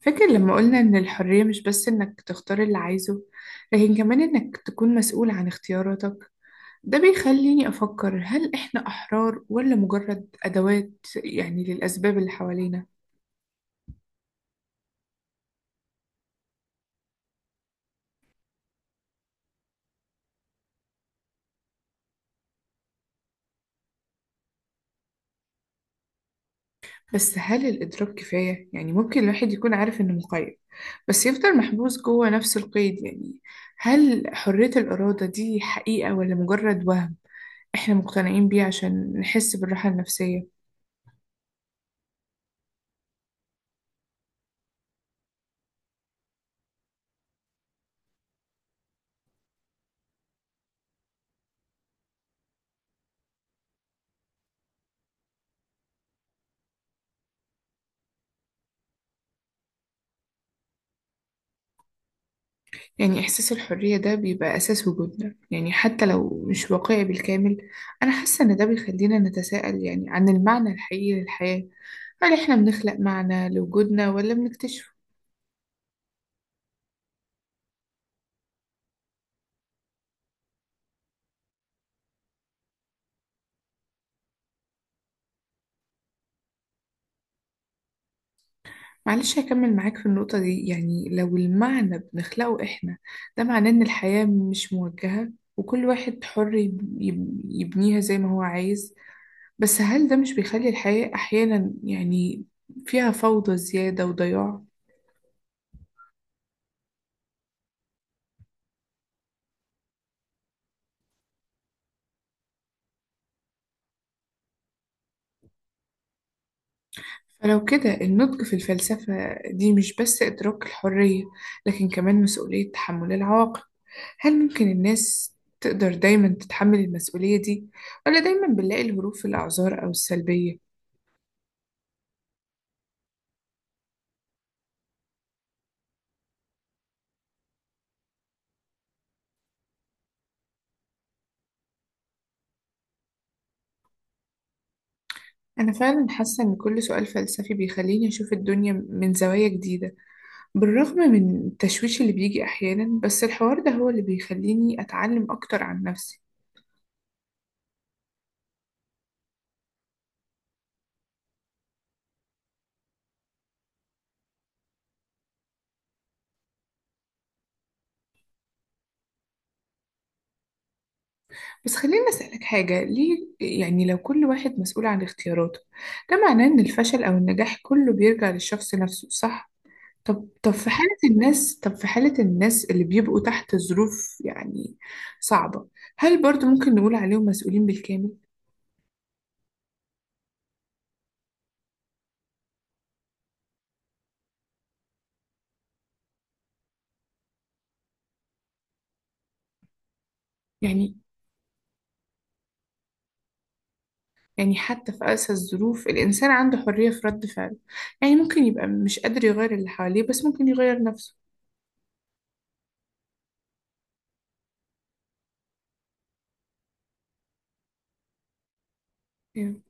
فاكر لما قلنا إن الحرية مش بس إنك تختار اللي عايزه، لكن كمان إنك تكون مسؤول عن اختياراتك. ده بيخليني أفكر، هل إحنا أحرار ولا مجرد أدوات؟ يعني للأسباب اللي حوالينا. بس هل الإدراك كفاية؟ يعني ممكن الواحد يكون عارف إنه مقيد، بس يفضل محبوس جوه نفس القيد. يعني هل حرية الإرادة دي حقيقة ولا مجرد وهم إحنا مقتنعين بيه عشان نحس بالراحة النفسية؟ يعني إحساس الحرية ده بيبقى أساس وجودنا، يعني حتى لو مش واقعي بالكامل. أنا حاسة إن ده بيخلينا نتساءل يعني عن المعنى الحقيقي للحياة. هل إحنا بنخلق معنى لوجودنا ولا بنكتشفه؟ معلش هكمل معاك في النقطة دي. يعني لو المعنى بنخلقه إحنا، ده معناه إن الحياة مش موجهة، وكل واحد حر يبنيها زي ما هو عايز. بس هل ده مش بيخلي الحياة أحيانا يعني فيها فوضى زيادة وضياع؟ فلو كده النضج في الفلسفة دي مش بس إدراك الحرية، لكن كمان مسؤولية تحمل العواقب. هل ممكن الناس تقدر دايما تتحمل المسؤولية دي، ولا دايما بنلاقي الهروب في الأعذار أو السلبية؟ أنا فعلا حاسة إن كل سؤال فلسفي بيخليني أشوف الدنيا من زوايا جديدة، بالرغم من التشويش اللي بيجي أحيانا، بس الحوار ده هو اللي بيخليني أتعلم أكتر عن نفسي. بس خليني أسألك حاجة، ليه يعني لو كل واحد مسؤول عن اختياراته، ده معناه إن الفشل أو النجاح كله بيرجع للشخص نفسه صح؟ طب في حالة الناس اللي بيبقوا تحت ظروف يعني صعبة، هل برضو ممكن نقول عليهم مسؤولين بالكامل؟ يعني يعني حتى في أقسى الظروف الإنسان عنده حرية في رد فعله، يعني ممكن يبقى مش قادر يغير اللي حواليه بس ممكن يغير نفسه. يعني.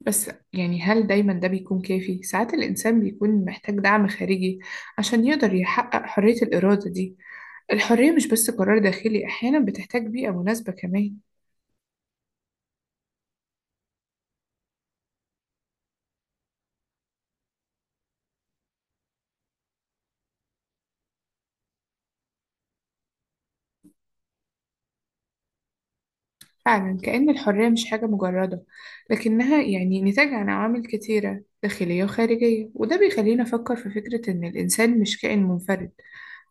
بس يعني هل دايما ده بيكون كافي؟ ساعات الإنسان بيكون محتاج دعم خارجي عشان يقدر يحقق حرية الإرادة دي. الحرية مش بس قرار داخلي، أحيانا بتحتاج بيئة مناسبة كمان. فعلا كأن الحرية مش حاجة مجردة، لكنها يعني نتاج عن عوامل كتيرة داخلية وخارجية، وده بيخلينا نفكر في فكرة إن الإنسان مش كائن منفرد،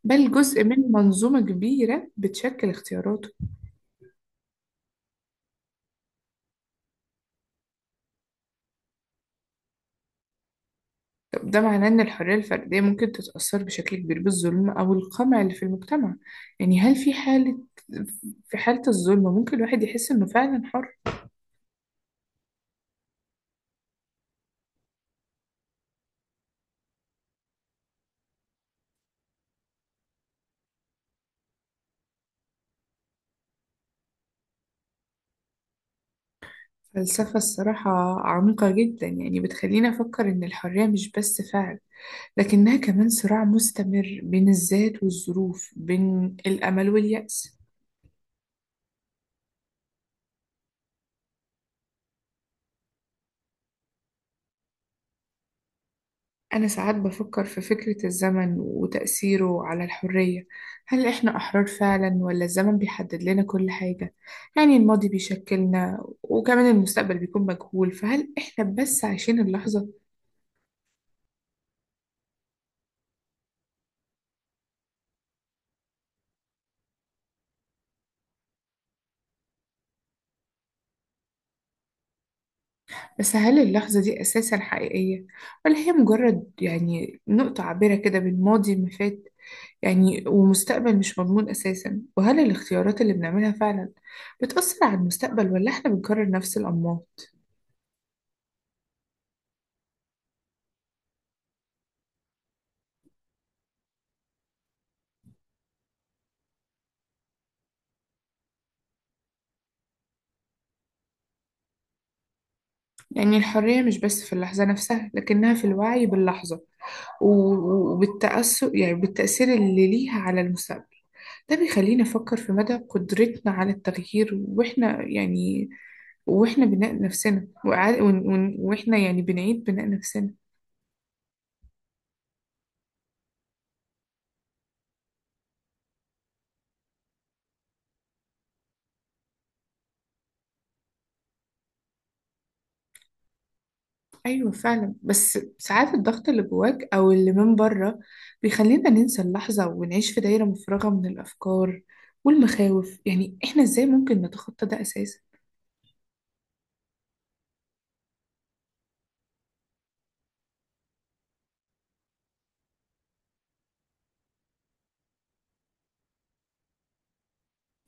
بل جزء من منظومة كبيرة بتشكل اختياراته. ده معناه إن الحرية الفردية ممكن تتأثر بشكل كبير بالظلم أو القمع اللي في المجتمع. يعني هل في حالة الظلم ممكن الواحد يحس إنه فعلا حر؟ فلسفة الصراحة عميقة جدا، يعني بتخليني أفكر إن الحرية مش بس فعل، لكنها كمان صراع مستمر بين الذات والظروف، بين الأمل واليأس. أنا ساعات بفكر في فكرة الزمن وتأثيره على الحرية. هل إحنا أحرار فعلا ولا الزمن بيحدد لنا كل حاجة؟ يعني الماضي بيشكلنا، وكمان المستقبل بيكون مجهول، فهل إحنا بس عايشين اللحظة؟ بس هل اللحظة دي أساسا حقيقية؟ ولا هي مجرد يعني نقطة عابرة كده بين ماضي ما فات يعني ومستقبل مش مضمون أساسا؟ وهل الاختيارات اللي بنعملها فعلا بتأثر على المستقبل ولا إحنا بنكرر نفس الأنماط؟ يعني الحرية مش بس في اللحظة نفسها، لكنها في الوعي باللحظة و- وبالتأثر، يعني بالتأثير اللي ليها على المستقبل. ده بيخلينا نفكر في مدى قدرتنا على التغيير، وإحنا يعني وإحنا بناء نفسنا وإحنا يعني بنعيد بناء نفسنا. أيوة فعلا، بس ساعات الضغط اللي جواك أو اللي من بره بيخلينا ننسى اللحظة ونعيش في دايرة مفرغة من الأفكار والمخاوف. يعني إحنا إزاي ممكن نتخطى ده أساسا؟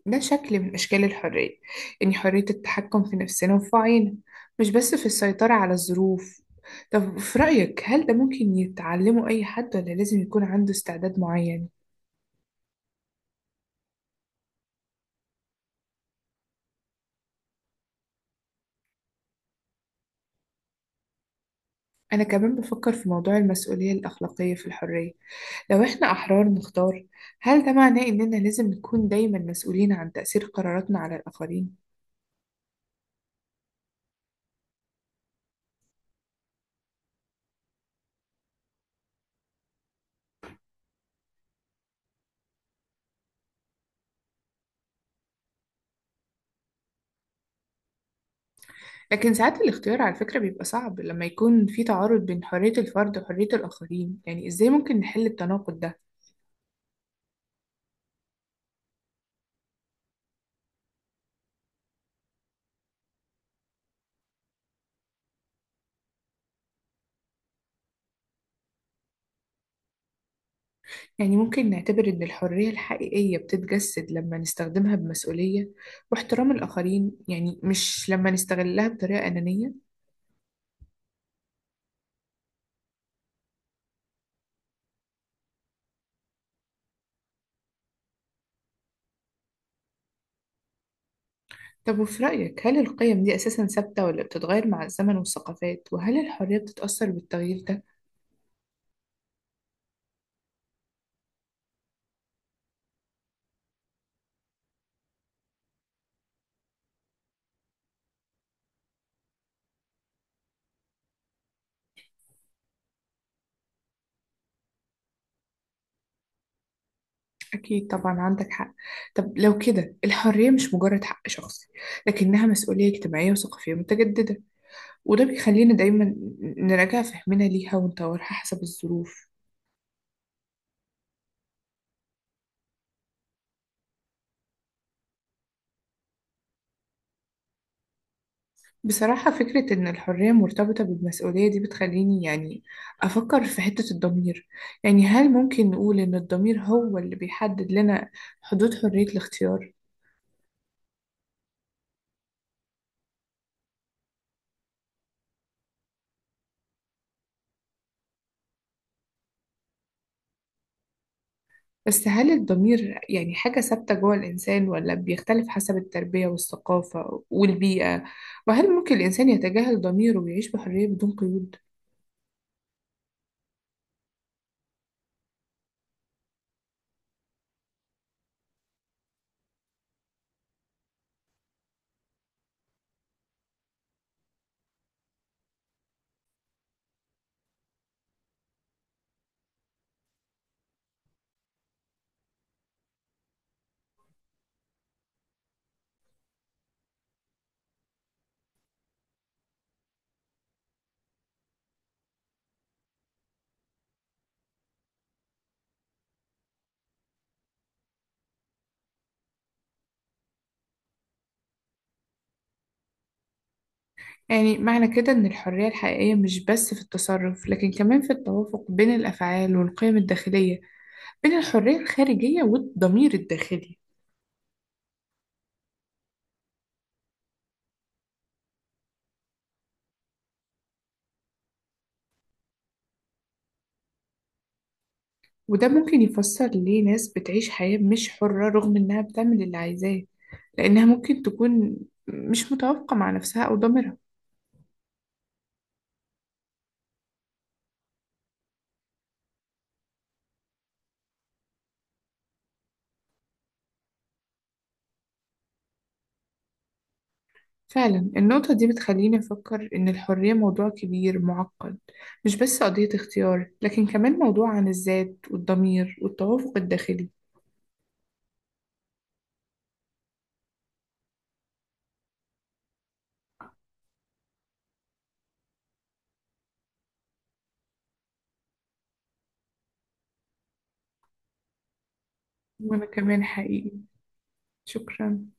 ده شكل من أشكال الحرية، يعني حرية التحكم في نفسنا وفي وعينا، مش بس في السيطرة على الظروف. طب في رأيك هل ده ممكن يتعلمه أي حد، ولا لازم يكون عنده استعداد معين؟ أنا كمان بفكر في موضوع المسؤولية الأخلاقية في الحرية. لو إحنا أحرار نختار، هل ده معناه إننا لازم نكون دايما مسؤولين عن تأثير قراراتنا على الآخرين؟ لكن ساعات الاختيار على فكرة بيبقى صعب لما يكون في تعارض بين حرية الفرد وحرية الآخرين، يعني إزاي ممكن نحل التناقض ده؟ يعني ممكن نعتبر إن الحرية الحقيقية بتتجسد لما نستخدمها بمسؤولية واحترام الآخرين، يعني مش لما نستغلها بطريقة أنانية. طب وفي رأيك هل القيم دي أساسا ثابتة ولا بتتغير مع الزمن والثقافات، وهل الحرية بتتأثر بالتغيير ده؟ أكيد طبعا عندك حق. طب لو كده الحرية مش مجرد حق شخصي، لكنها مسؤولية اجتماعية وثقافية متجددة، وده بيخلينا دايما نراجع فهمنا ليها ونطورها حسب الظروف. بصراحة فكرة إن الحرية مرتبطة بالمسؤولية دي بتخليني يعني أفكر في حتة الضمير. يعني هل ممكن نقول إن الضمير هو اللي بيحدد لنا حدود حرية الاختيار؟ بس هل الضمير يعني حاجة ثابتة جوه الإنسان، ولا بيختلف حسب التربية والثقافة والبيئة؟ وهل ممكن الإنسان يتجاهل ضميره ويعيش بحرية بدون قيود؟ يعني معنى كده إن الحرية الحقيقية مش بس في التصرف، لكن كمان في التوافق بين الأفعال والقيم الداخلية، بين الحرية الخارجية والضمير الداخلي. وده ممكن يفسر ليه ناس بتعيش حياة مش حرة رغم إنها بتعمل اللي عايزاه، لأنها ممكن تكون مش متوافقة مع نفسها أو ضميرها. فعلا النقطة دي بتخليني أفكر إن الحرية موضوع كبير معقد، مش بس قضية اختيار، لكن كمان موضوع عن الذات والضمير والتوافق الداخلي. وأنا كمان حقيقي، شكرا.